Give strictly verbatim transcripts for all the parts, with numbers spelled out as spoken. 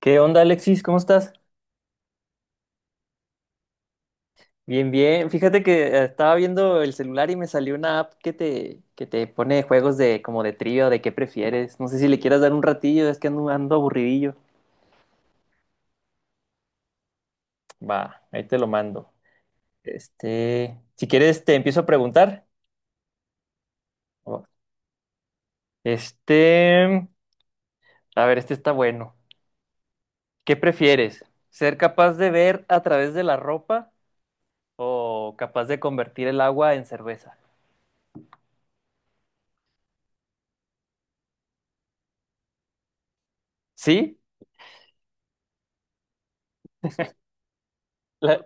¿Qué onda, Alexis? ¿Cómo estás? Bien, bien. Fíjate que eh, estaba viendo el celular y me salió una app que te, que te pone juegos de como de trío, de qué prefieres. No sé si le quieras dar un ratillo, es que ando, ando aburridillo. Va, ahí te lo mando. Este, si quieres te empiezo a preguntar. Oh. Este, a ver, este está bueno. ¿Qué prefieres? ¿Ser capaz de ver a través de la ropa o capaz de convertir el agua en cerveza? ¿Sí? La-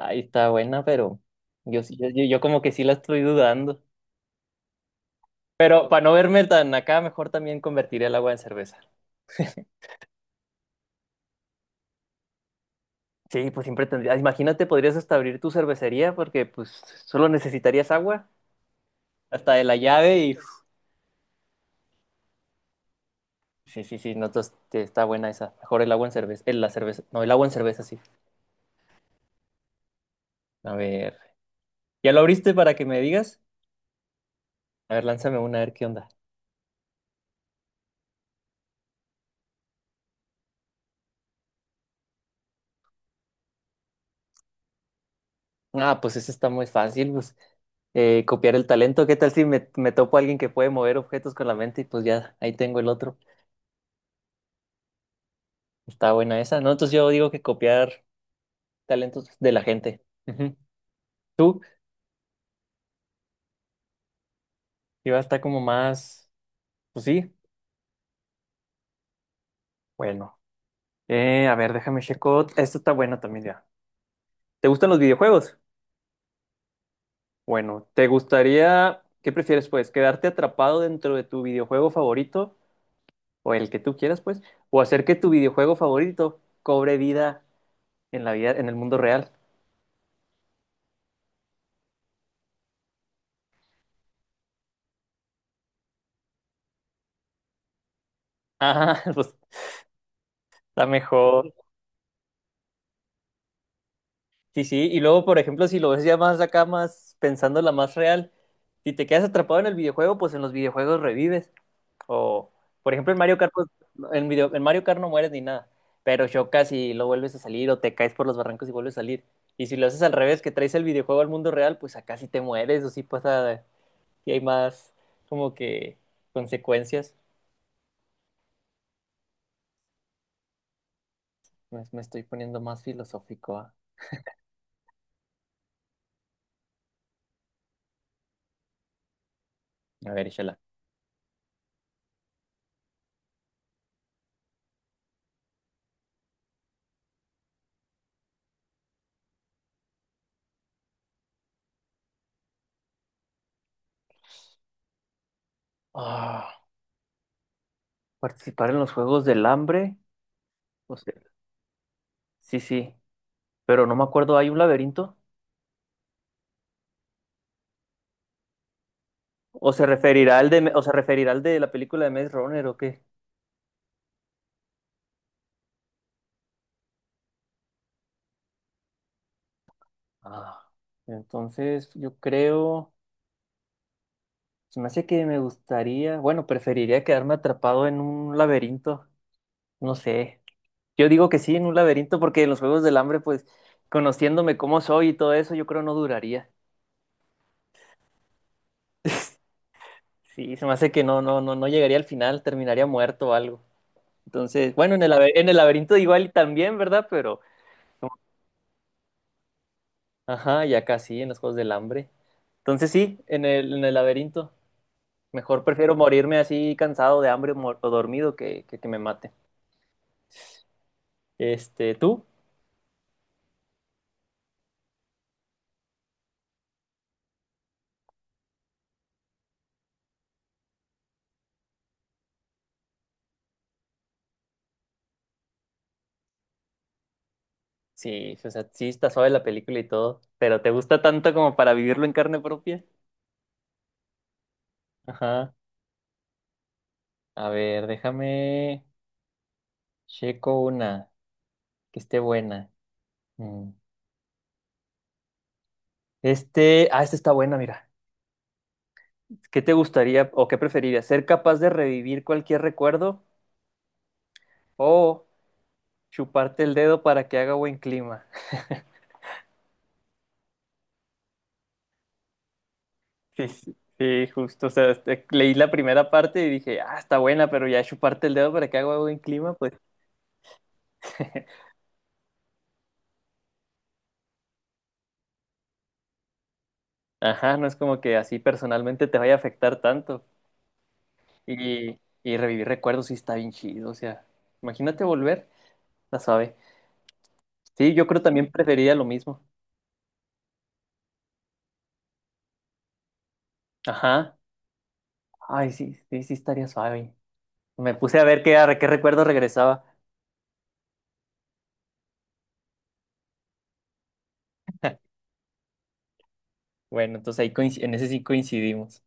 Ay, está buena, pero yo, sí- yo, yo yo como que sí la estoy dudando. Pero para no verme tan acá, mejor también convertiré el agua en cerveza. Sí, pues siempre tendría. Imagínate, podrías hasta abrir tu cervecería porque pues solo necesitarías agua, hasta de la llave y sí, sí, sí, no, entonces, te- está buena esa. Mejor el agua en cerveza, el, la cerveza, no, el agua en cerveza, sí. A ver, ¿ya lo abriste para que me digas? A ver, lánzame una, a ver qué onda. Ah, pues esa está muy fácil, pues. Eh, copiar el talento. ¿Qué tal si me, me topo a alguien que puede mover objetos con la mente y pues ya ahí tengo el otro? Está buena esa, ¿no? Entonces yo digo que copiar talentos de la gente. Ujú. Tú iba a estar como más, pues sí, bueno. Eh, a ver, déjame checo. Esto está bueno también ya. ¿Te gustan los videojuegos? Bueno, ¿te gustaría, qué prefieres pues, quedarte atrapado dentro de tu videojuego favorito o el que tú quieras pues, o hacer que tu videojuego favorito cobre vida en la vida, en el mundo real? Ah, pues está mejor. Sí, sí. Y luego, por ejemplo, si lo ves ya más acá, más pensando la más real, si te quedas atrapado en el videojuego, pues en los videojuegos revives. O, por ejemplo, en Mario Kart, pues, en, video- en Mario Kart no mueres ni nada, pero chocas y lo vuelves a salir o te caes por los barrancos y vuelves a salir. Y si lo haces al revés, que traes el videojuego al mundo real, pues acá sí te mueres o sí pasa, y hay más como que consecuencias. Me, me estoy poniendo más filosófico. Ah. A ver, échala. Ah, participar en los Juegos del Hambre. Sí, sí, pero no me acuerdo, ¿hay un laberinto? ¿O se referirá al de, o se referirá al de la película de Maze Runner o qué? Ah, entonces yo creo, se me hace que me gustaría, bueno, preferiría quedarme atrapado en un laberinto, no sé. Yo digo que sí, en un laberinto, porque en los Juegos del Hambre, pues, conociéndome cómo soy y todo eso, yo creo no duraría. Sí, se me hace que no, no, no, no llegaría al final, terminaría muerto o algo. Entonces, bueno, en el, laber- en el laberinto igual y también, ¿verdad? Pero... Ajá, y acá sí, en los Juegos del Hambre. Entonces sí, en el, en el laberinto. Mejor prefiero morirme así cansado de hambre o mor- o dormido que, que que me mate. Este, ¿tú? Sí, o sea, sí está suave la película y todo, pero ¿te gusta tanto como para vivirlo en carne propia? Ajá. A ver, déjame checo una que esté buena. Mm. Este, ah, esta está buena, mira. ¿Qué te gustaría o qué preferirías? ¿Ser capaz de revivir cualquier recuerdo o chuparte el dedo para que haga buen clima? Sí, sí, sí, justo. O sea, este, leí la primera parte y dije, ah, está buena, pero ya chuparte el dedo para que haga buen clima, pues, ajá, no es como que así personalmente te vaya a afectar tanto. Y, y revivir recuerdos sí está bien chido, o sea, imagínate volver, la suave. Sí, yo creo también preferiría lo mismo. Ajá. Ay, sí, sí, sí estaría suave. Me puse a ver qué, a qué recuerdo regresaba. Bueno, entonces ahí coinci- en ese sí coincidimos.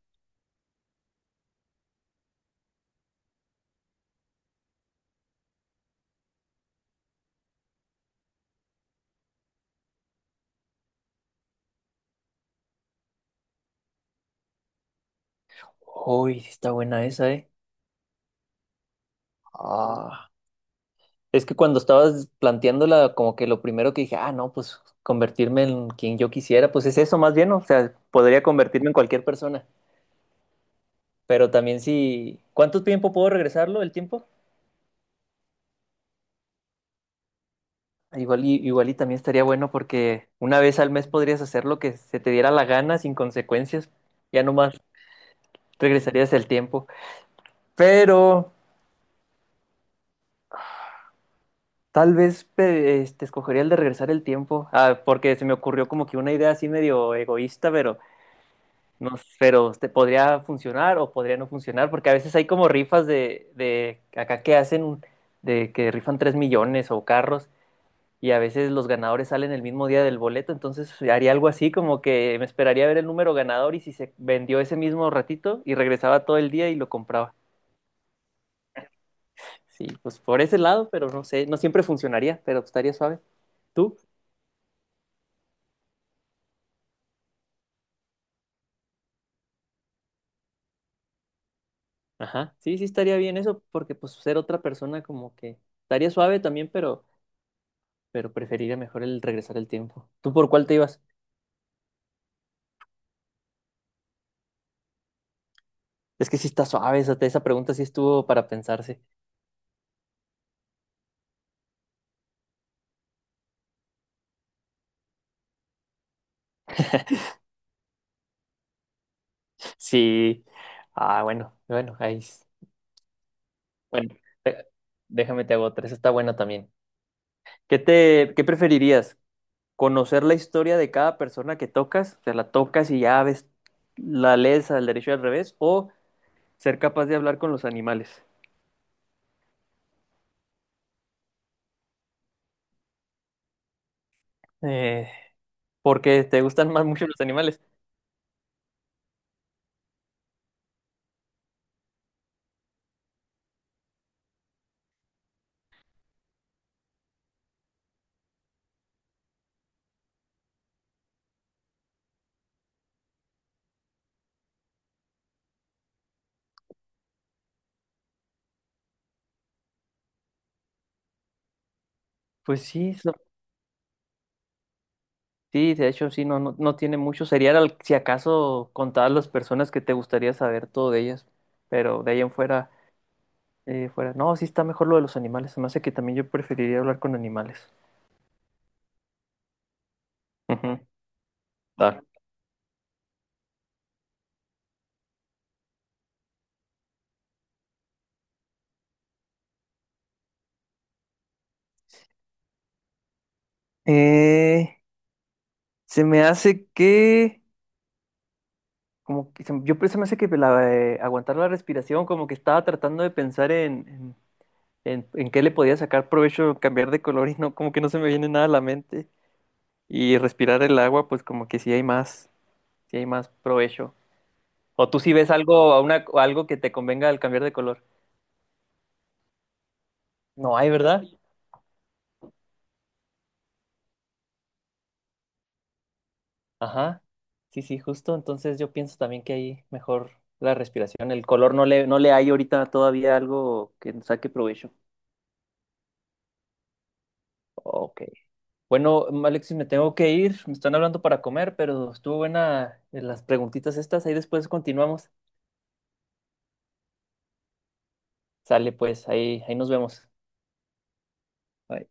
Uy, sí está buena esa, ¿eh? Ah. Es que cuando estabas planteándola, como que lo primero que dije, ah, no, pues convertirme en quien yo quisiera, pues es eso más bien, ¿no? O sea, podría convertirme en cualquier persona, pero también si... ¿Cuánto tiempo puedo regresarlo, el tiempo? Igual y, igual y también estaría bueno porque una vez al mes podrías hacer lo que se te diera la gana sin consecuencias, ya nomás regresarías el tiempo, pero tal vez pe- este, escogería el de regresar el tiempo, ah, porque se me ocurrió como que una idea así medio egoísta, pero... No, pero te podría funcionar o podría no funcionar, porque a veces hay como rifas de, de acá que hacen, un- de que rifan tres millones o carros, y a veces los ganadores salen el mismo día del boleto, entonces haría algo así, como que me esperaría a ver el número ganador y si se vendió ese mismo ratito y regresaba todo el día y lo compraba. Sí, pues por ese lado, pero no sé, no siempre funcionaría, pero estaría suave. ¿Tú? Ajá, sí, sí estaría bien eso, porque pues ser otra persona como que estaría suave también, pero pero preferiría mejor el regresar el tiempo. ¿Tú por cuál te ibas? Es que sí está suave, esa, esa pregunta sí estuvo para pensarse. Sí. Ah, bueno, bueno, ahí. S- Bueno, eh, déjame te hago otra, esa está buena también. ¿Qué te, qué preferirías? ¿Conocer la historia de cada persona que tocas? O sea, la tocas y ya ves, la lees al derecho y al revés, o ser capaz de hablar con los animales. Eh, porque te gustan más mucho los animales. Pues sí, sí, de hecho, sí, no, no, no tiene mucho. Sería al- si acaso contar las personas que te gustaría saber todo de ellas, pero de ahí en fuera, eh, fuera. No, sí está mejor lo de los animales. Se me hace que también yo preferiría hablar con animales. Ujú, dale. Eh, se me hace que, como que se- yo pues, se me hace que la, eh, aguantar la respiración, como que estaba tratando de pensar en, en, en, en qué le podía sacar provecho, cambiar de color y no, como que no se me viene nada a la mente. Y respirar el agua, pues como que sí hay más, sí hay más provecho. O tú si ves algo, una, algo que te convenga al cambiar de color. No hay, ¿verdad? Ajá. Sí, sí, justo. Entonces yo pienso también que ahí mejor la respiración. El color no le, no le hay ahorita todavía algo que saque provecho. Ok. Bueno, Alexis, me tengo que ir. Me están hablando para comer, pero estuvo buena eh, las preguntitas estas. Ahí después continuamos. Sale pues, ahí, ahí nos vemos. Bye.